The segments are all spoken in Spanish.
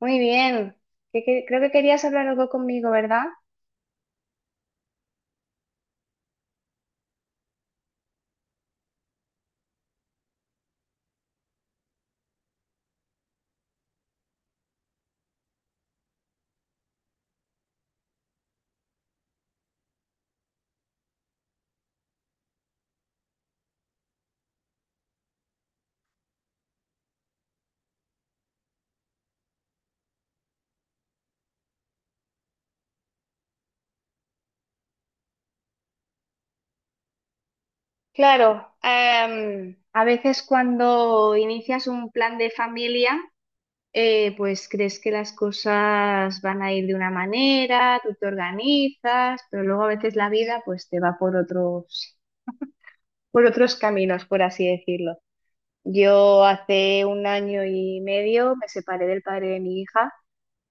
Muy bien. Creo que querías hablar algo conmigo, ¿verdad? Claro, a veces cuando inicias un plan de familia, pues crees que las cosas van a ir de una manera, tú te organizas, pero luego a veces la vida pues te va por otros caminos, por así decirlo. Yo hace un año y medio me separé del padre de mi hija.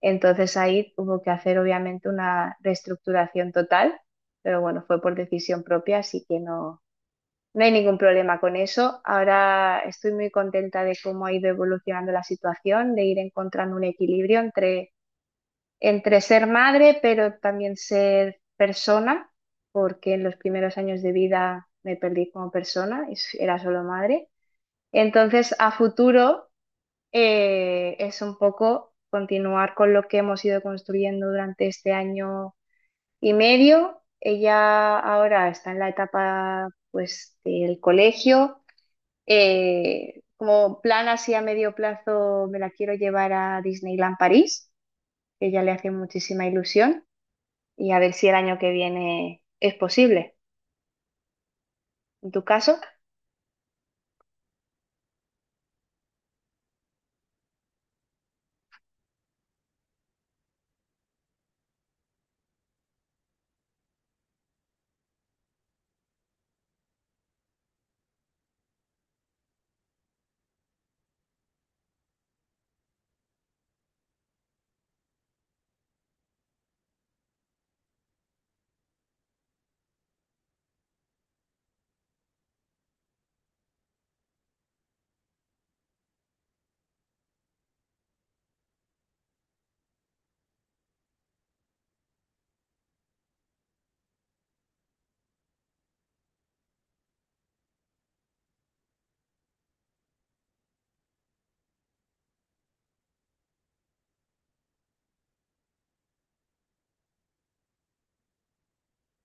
Entonces ahí hubo que hacer obviamente una reestructuración total, pero bueno, fue por decisión propia, así que no, no hay ningún problema con eso. Ahora estoy muy contenta de cómo ha ido evolucionando la situación, de ir encontrando un equilibrio entre, entre ser madre, pero también ser persona, porque en los primeros años de vida me perdí como persona, y era solo madre. Entonces, a futuro es un poco continuar con lo que hemos ido construyendo durante este año y medio. Ella ahora está en la etapa, pues, del colegio. Como plan así a medio plazo, me la quiero llevar a Disneyland París, que ella le hace muchísima ilusión, y a ver si el año que viene es posible. ¿En tu caso?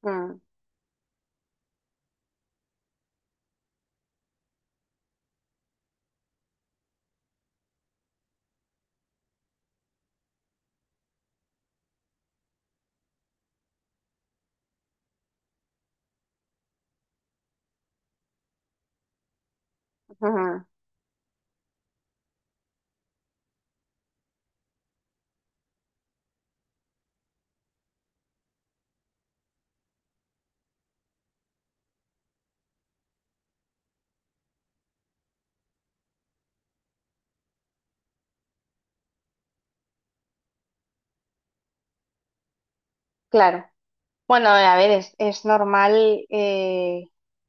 Mm. Ujú. Claro. Bueno, a ver, es normal,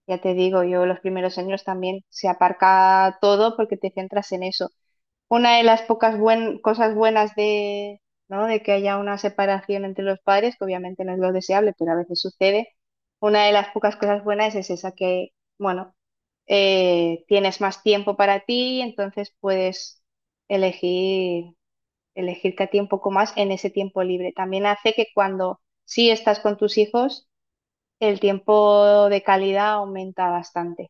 ya te digo, yo los primeros años también se aparca todo porque te centras en eso. Una de las pocas cosas buenas de, ¿no?, de que haya una separación entre los padres, que obviamente no es lo deseable, pero a veces sucede, una de las pocas cosas buenas es esa que, bueno, tienes más tiempo para ti, entonces puedes elegir, elegirte a ti un poco más en ese tiempo libre. También hace que cuando sí estás con tus hijos, el tiempo de calidad aumenta bastante.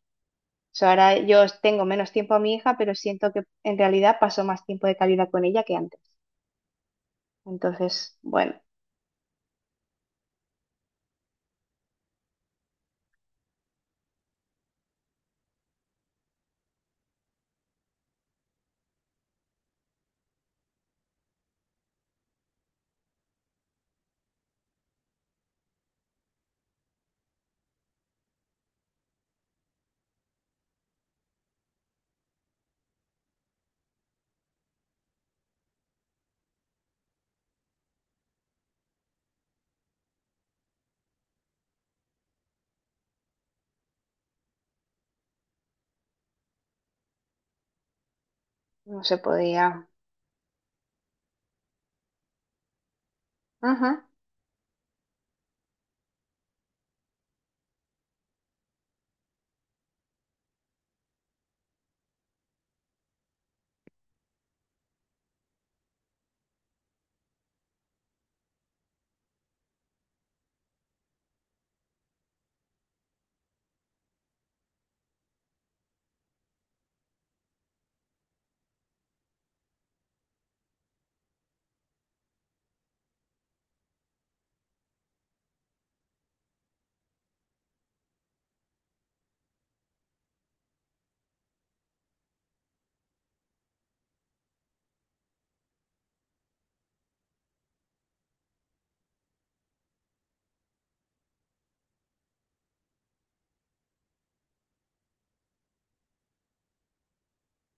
O sea, ahora yo tengo menos tiempo a mi hija, pero siento que en realidad paso más tiempo de calidad con ella que antes. Entonces, bueno, no se podía. Ajá,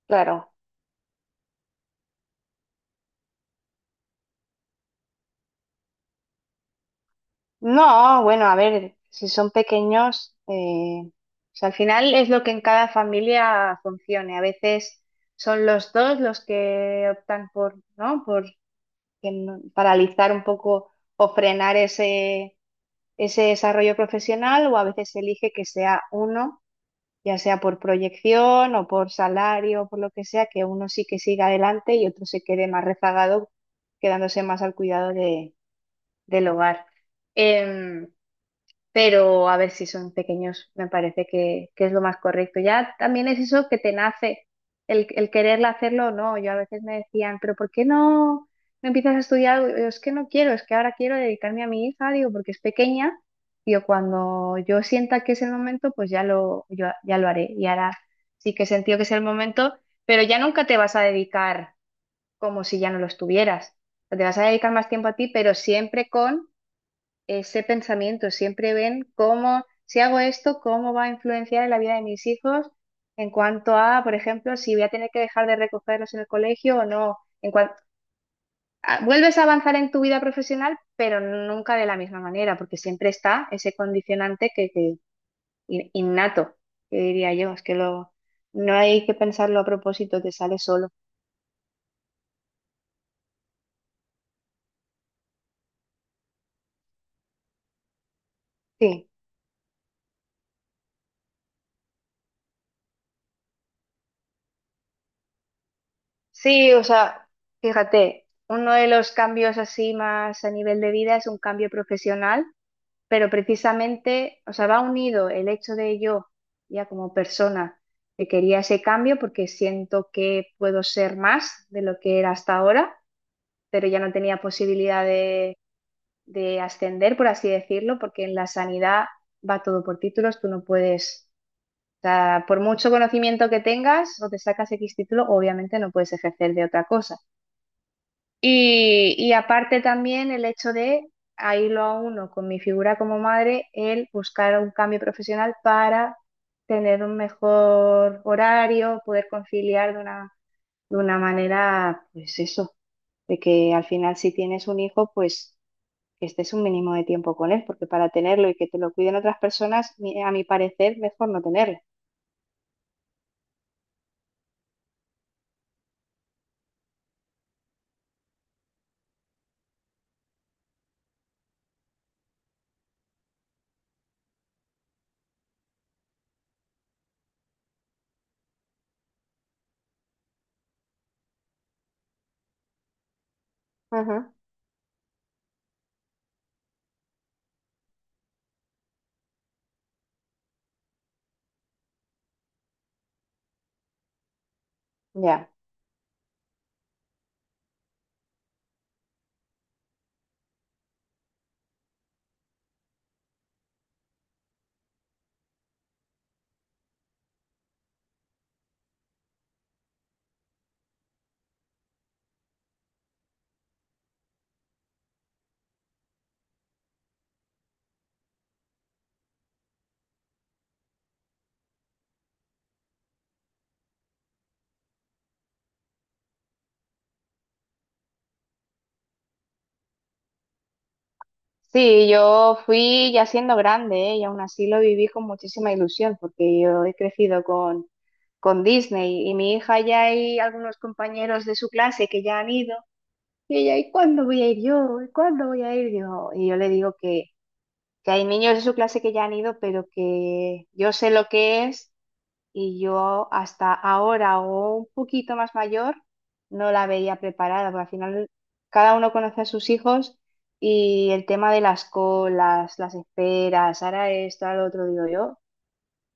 claro. No, bueno, a ver, si son pequeños, o sea, al final es lo que en cada familia funcione. A veces son los dos los que optan por, ¿no?, por que no- paralizar un poco o frenar ese ese desarrollo profesional, o a veces se elige que sea uno, ya sea por proyección o por salario o por lo que sea, que uno sí que siga adelante y otro se quede más rezagado, quedándose más al cuidado del hogar. Em, pero a ver, si son pequeños, me parece que es lo más correcto. Ya también es eso que te nace, el quererla hacerlo o no. Yo a veces me decían, pero ¿por qué no, no empiezas a estudiar algo? Y yo, es que no quiero, es que ahora quiero dedicarme a mi hija, digo, porque es pequeña. Digo, cuando yo sienta que es el momento, pues ya lo, yo, ya lo haré. Y ahora sí que he sentido que es el momento, pero ya nunca te vas a dedicar como si ya no lo estuvieras. Te vas a dedicar más tiempo a ti, pero siempre con ese pensamiento, siempre ven cómo, si hago esto, cómo va a influenciar en la vida de mis hijos en cuanto a, por ejemplo, si voy a tener que dejar de recogerlos en el colegio o no. En cuan- vuelves a avanzar en tu vida profesional, pero nunca de la misma manera, porque siempre está ese condicionante que, que innato, que diría yo, es que lo, no hay que pensarlo a propósito, te sale solo. Sí, sí, o sea, fíjate, uno de los cambios así más a nivel de vida es un cambio profesional, pero precisamente, o sea, va unido el hecho de yo, ya como persona, que quería ese cambio porque siento que puedo ser más de lo que era hasta ahora, pero ya no tenía posibilidad de ascender, por así decirlo, porque en la sanidad va todo por títulos, tú no puedes, o sea, por mucho conocimiento que tengas o te sacas X título, obviamente no puedes ejercer de otra cosa. Y aparte también el hecho de, ahí lo uno con mi figura como madre, el buscar un cambio profesional para tener un mejor horario, poder conciliar de una manera, pues eso, de que al final si tienes un hijo, pues que estés un mínimo de tiempo con él, porque para tenerlo y que te lo cuiden otras personas, a mi parecer, mejor no tenerlo. Ujú. Ya. Sí, yo fui ya siendo grande, ¿eh? Y aún así lo viví con muchísima ilusión, porque yo he crecido con Disney, y mi hija ya hay algunos compañeros de su clase que ya han ido, y ella, ¿y cuándo voy a ir yo? ¿Y cuándo voy a ir yo? Y yo le digo que hay niños de su clase que ya han ido, pero que yo sé lo que es y yo hasta ahora o un poquito más mayor no la veía preparada, porque al final cada uno conoce a sus hijos y el tema de las colas, las esperas, ahora esto, ahora lo otro, digo yo,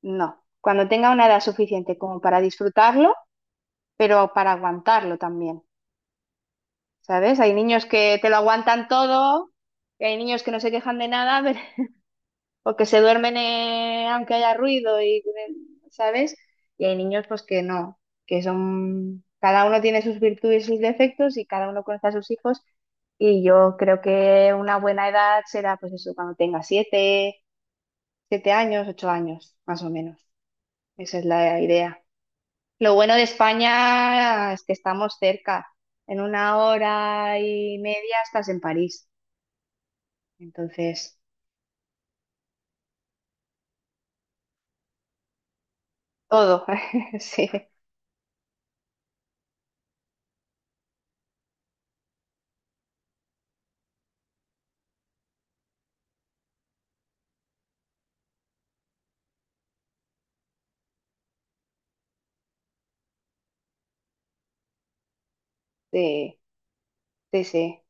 no. Cuando tenga una edad suficiente como para disfrutarlo, pero para aguantarlo también, ¿sabes? Hay niños que te lo aguantan todo, y hay niños que no se quejan de nada, pero o que se duermen aunque haya ruido y, ¿sabes? Y hay niños pues que no, que son, cada uno tiene sus virtudes y sus defectos y cada uno conoce a sus hijos y yo creo que una buena edad será pues eso, cuando tenga siete años, 8 años, más o menos. Esa es la idea. Lo bueno de España es que estamos cerca. En una hora y media estás en París. Entonces, todo. Sí, sí, sí, sí.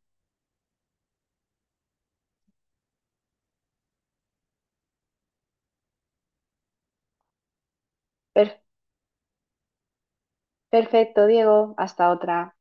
Pero- Perfecto, Diego. Hasta otra.